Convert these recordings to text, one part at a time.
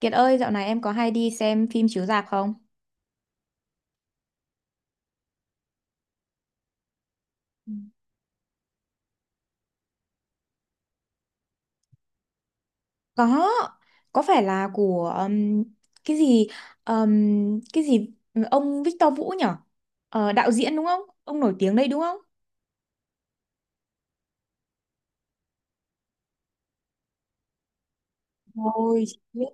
Kiệt ơi, dạo này em có hay đi xem phim chiếu rạp không? Ừ. Có, có phải là của cái gì um, cái gì ông Victor Vũ nhở? Ờ, đạo diễn đúng không? Ông nổi tiếng đây đúng không? Ôi, chị biết.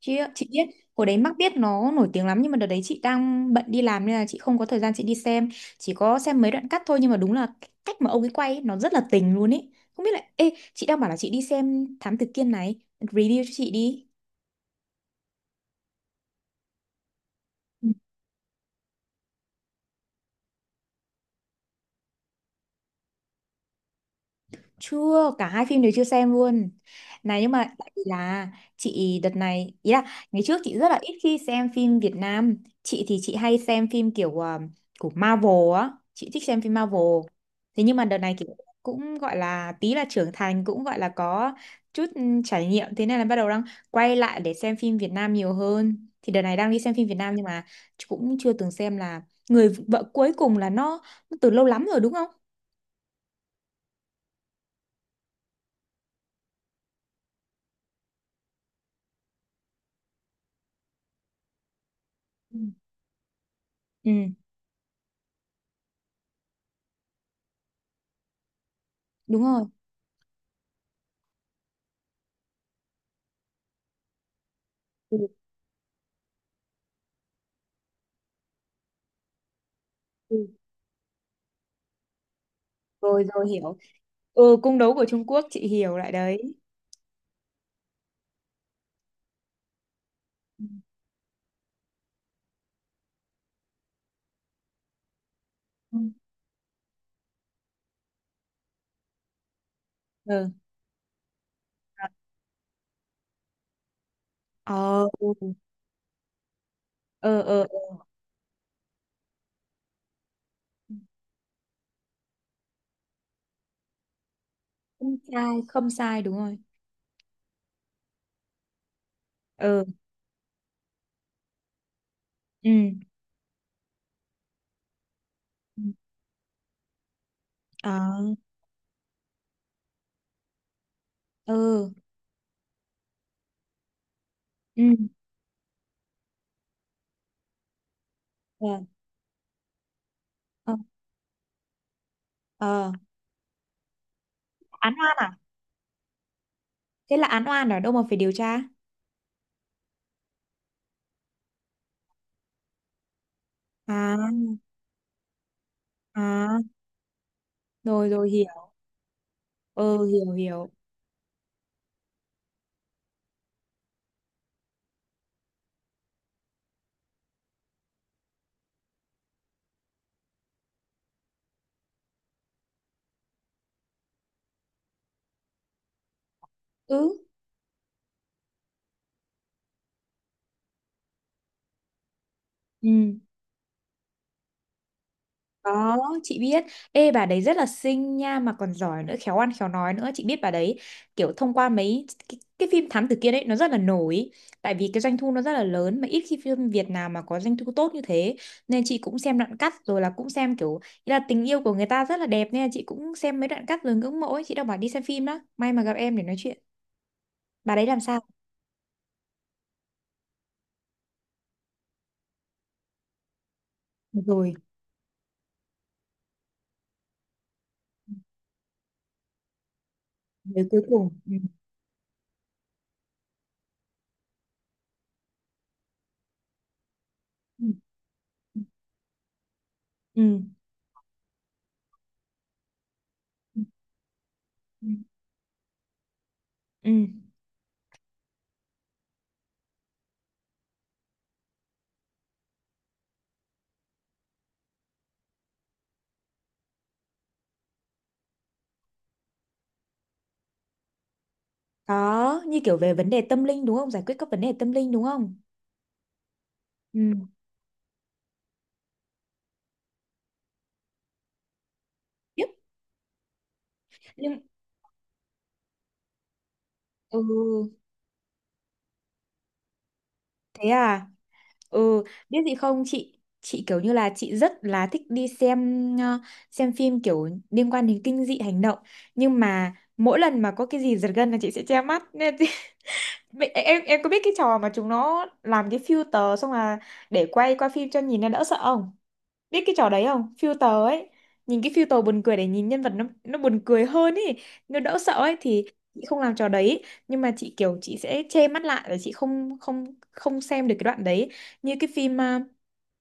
Chị biết, hồi đấy mắc biết nó nổi tiếng lắm nhưng mà đợt đấy chị đang bận đi làm nên là chị không có thời gian chị đi xem, chỉ có xem mấy đoạn cắt thôi nhưng mà đúng là cái cách mà ông ấy quay ấy, nó rất là tình luôn ấy. Không biết là ê, chị đang bảo là chị đi xem Thám Tử Kiên này, review cho chị đi. Chưa, cả hai phim đều chưa xem luôn. Này nhưng mà tại vì là chị đợt này, ý là ngày trước chị rất là ít khi xem phim Việt Nam. Chị thì chị hay xem phim kiểu à, của Marvel á, chị thích xem phim Marvel. Thế nhưng mà đợt này kiểu cũng gọi là tí là trưởng thành cũng gọi là có chút ừ, trải nghiệm thế nên là bắt đầu đang quay lại để xem phim Việt Nam nhiều hơn. Thì đợt này đang đi xem phim Việt Nam nhưng mà cũng chưa từng xem là Người vợ cuối cùng là nó từ lâu lắm rồi đúng không? Ừ, ừ, đúng rồi. Ừ. Rồi rồi hiểu. Ừ cung đấu của Trung Quốc chị hiểu lại đấy. Ừ. Ừ. Ờ ừ ờ ờ ờ. Không sai, không sai đúng rồi. Ừ ừ. Ừ. Ờ ừ ừ. Ờ ờ. Ờ. Án oan à? Thế là án oan ở đâu mà phải điều tra? À à rồi rồi hiểu. Ừ hiểu hiểu. Ừ. Ừ. Có, chị biết. Ê bà đấy rất là xinh nha mà còn giỏi nữa, khéo ăn khéo nói nữa. Chị biết bà đấy kiểu thông qua mấy cái phim Thám Tử Kiên ấy nó rất là nổi. Tại vì cái doanh thu nó rất là lớn mà ít khi phim Việt nào mà có doanh thu tốt như thế. Nên chị cũng xem đoạn cắt rồi là cũng xem kiểu ý là tình yêu của người ta rất là đẹp nên là chị cũng xem mấy đoạn cắt rồi ngưỡng mộ ấy. Chị đang bảo đi xem phim đó. May mà gặp em để nói chuyện. Bà đấy làm sao? Được rồi, người cuối cùng. Ừ. Ừ. Ừ. Ừ. Ừ. Có, như kiểu về vấn đề tâm linh đúng không? Giải quyết các vấn đề tâm linh đúng không? Ừ. Biết. Nhưng ừ, thế à? Ừ, biết gì không chị? Chị kiểu như là chị rất là thích đi xem ờ, xem phim kiểu liên quan đến kinh dị hành động, nhưng mà mỗi lần mà có cái gì giật gân là chị sẽ che mắt. Nên chị- em có biết cái trò mà chúng nó làm cái filter xong là để quay qua phim cho nhìn nó đỡ sợ không? Biết cái trò đấy không filter ấy, nhìn cái filter buồn cười để nhìn nhân vật nó buồn cười hơn ấy, nó đỡ sợ ấy thì chị không làm trò đấy, nhưng mà chị kiểu chị sẽ che mắt lại và chị không không không xem được cái đoạn đấy, như cái phim à,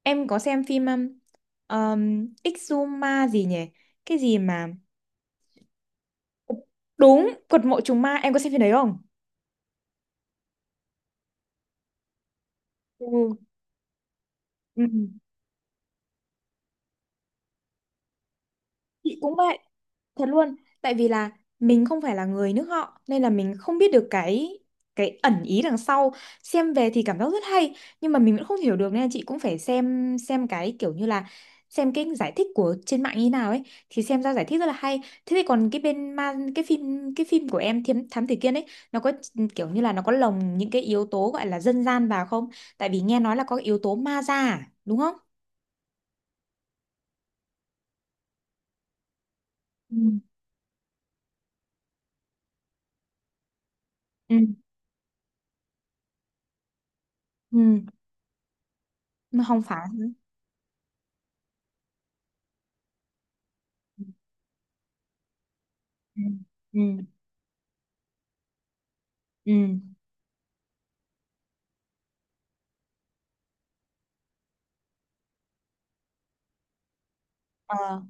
em có xem phim Exuma gì nhỉ, cái gì mà đúng quật mộ trùng ma, em có xem phim đấy không? Ừ. Ừ. Chị cũng vậy. Thật luôn, tại vì là mình không phải là người nước họ nên là mình không biết được cái ẩn ý đằng sau. Xem về thì cảm giác rất hay nhưng mà mình vẫn không hiểu được nên là chị cũng phải xem cái kiểu như là xem cái giải thích của trên mạng như nào ấy thì xem ra giải thích rất là hay. Thế thì còn cái bên ma cái phim của em Thiếm Thám Tử Kiên ấy nó có kiểu như là nó có lồng những cái yếu tố gọi là dân gian vào không? Tại vì nghe nói là có cái yếu tố ma da à, đúng không? Ừ. Ừ. Ừ, mà không phải. Hả? Ừ. Ừ. Ừ. Ờ,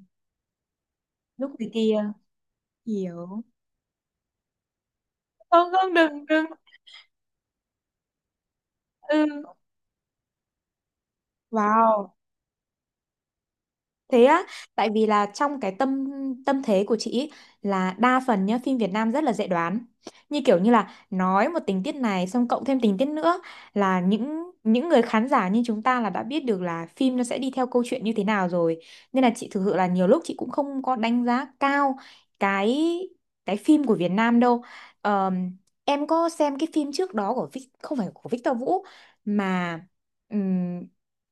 lúc này kia hiểu. Không không đừng đừng ừ wow. Thế á, tại vì là trong cái tâm tâm thế của chị ý, là đa phần nhá, phim Việt Nam rất là dễ đoán. Như kiểu như là nói một tình tiết này xong cộng thêm tình tiết nữa là những người khán giả như chúng ta là đã biết được là phim nó sẽ đi theo câu chuyện như thế nào rồi. Nên là chị thực sự là nhiều lúc chị cũng không có đánh giá cao cái phim của Việt Nam đâu. Ờm, em có xem cái phim trước đó của Vic- không phải của Victor Vũ mà ừm,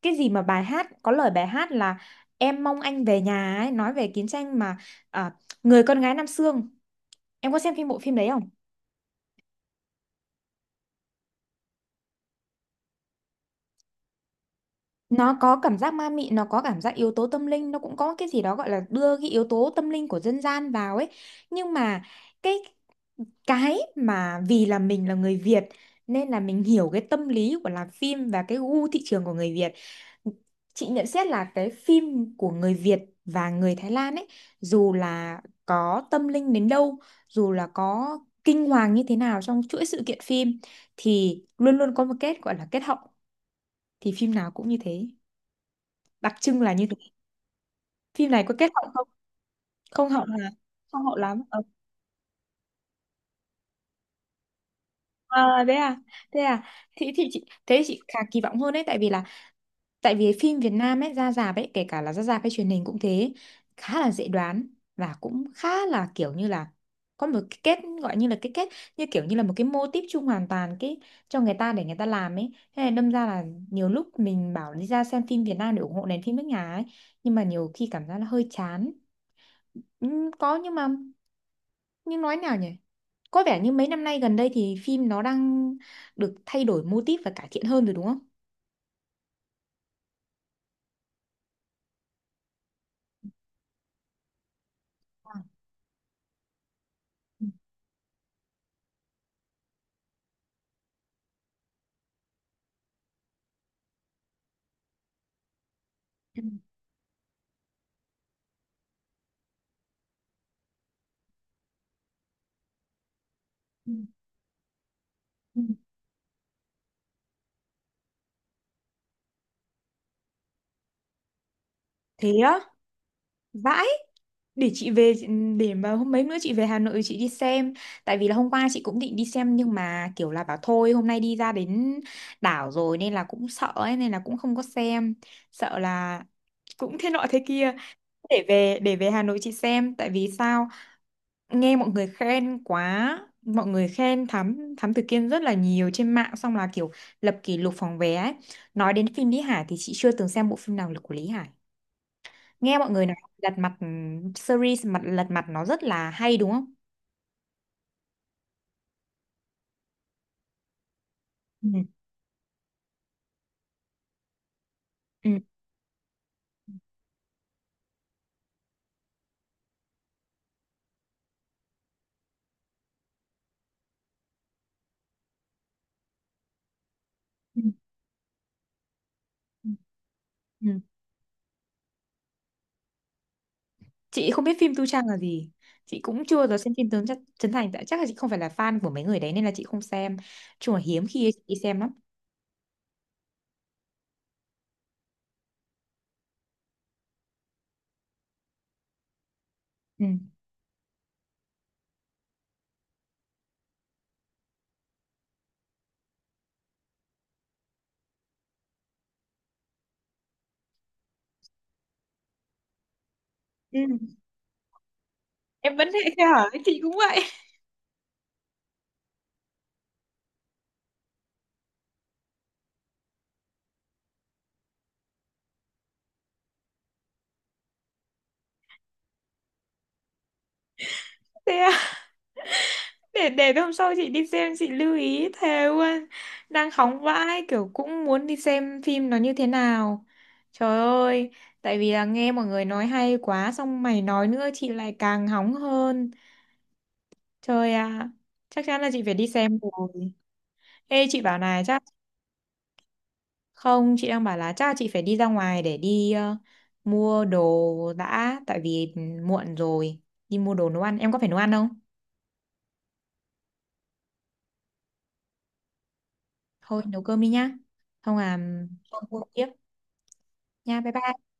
cái gì mà bài hát có lời bài hát là Em mong anh về nhà ấy, nói về chiến tranh mà à, Người con gái Nam Xương. Em có xem phim bộ phim đấy không? Nó có cảm giác ma mị, nó có cảm giác yếu tố tâm linh, nó cũng có cái gì đó gọi là đưa cái yếu tố tâm linh của dân gian vào ấy. Nhưng mà cái cái mà vì là mình là người Việt nên là mình hiểu cái tâm lý của làm phim và cái gu thị trường của người Việt. Chị nhận xét là cái phim của người Việt và người Thái Lan ấy dù là có tâm linh đến đâu, dù là có kinh hoàng như thế nào trong chuỗi sự kiện phim thì luôn luôn có một kết gọi là kết hậu, thì phim nào cũng như thế. Đặc trưng là như thế. Phim này có kết hậu không? Không hậu hả? Không hậu lắm. Ờ, à, thế à? Thế à? Thì chị thế chị khá kỳ vọng hơn đấy tại vì là tại vì phim Việt Nam ấy ra rạp ấy kể cả là ra rạp hay truyền hình cũng thế khá là dễ đoán và cũng khá là kiểu như là có một cái kết gọi như là cái kết như kiểu như là một cái mô típ chung hoàn toàn cái cho người ta để người ta làm ấy thế này đâm ra là nhiều lúc mình bảo đi ra xem phim Việt Nam để ủng hộ nền phim nước nhà ấy nhưng mà nhiều khi cảm giác là hơi chán. Có nhưng mà nhưng nói nào nhỉ, có vẻ như mấy năm nay gần đây thì phim nó đang được thay đổi mô típ và cải thiện hơn rồi đúng không? Ừ. Ừ. Ừ. Ừ. Thế á? Vãi, để chị về để mà hôm mấy nữa chị về Hà Nội chị đi xem. Tại vì là hôm qua chị cũng định đi xem nhưng mà kiểu là bảo thôi hôm nay đi ra đến đảo rồi nên là cũng sợ ấy nên là cũng không có xem. Sợ là cũng thế nọ thế kia. Để về Hà Nội chị xem tại vì sao nghe mọi người khen quá. Mọi người khen Thám Thám Tử Kiên rất là nhiều trên mạng xong là kiểu lập kỷ lục phòng vé ấy. Nói đến phim Lý Hải thì chị chưa từng xem bộ phim nào của Lý Hải. Nghe mọi người nói lật mặt ừ, series mặt lật mặt nó rất là hay đúng không? Ừ. Ừ. Ừ. Ừ. Ừ. Chị không biết phim Tu Trang là gì. Chị cũng chưa giờ xem phim Tướng chắc Trấn Thành tại chắc là chị không phải là fan của mấy người đấy nên là chị không xem. Chung là hiếm khi chị đi xem lắm. Ừ. Ừ. Em vẫn thế hả? Chị cũng vậy. Thế à? Để hôm sau chị đi xem chị lưu ý thề luôn, đang hóng vãi kiểu cũng muốn đi xem phim nó như thế nào, trời ơi, tại vì là nghe mọi người nói hay quá xong mày nói nữa chị lại càng hóng hơn, trời ạ, chắc chắn là chị phải đi xem rồi. Ê chị bảo này chắc không chị đang bảo là chắc là chị phải đi ra ngoài để đi ờ, mua đồ đã tại vì ừ, muộn rồi, đi mua đồ nấu ăn, em có phải nấu ăn không? Thôi nấu cơm đi nhá, không à, không mua tiếp nha, bye bye.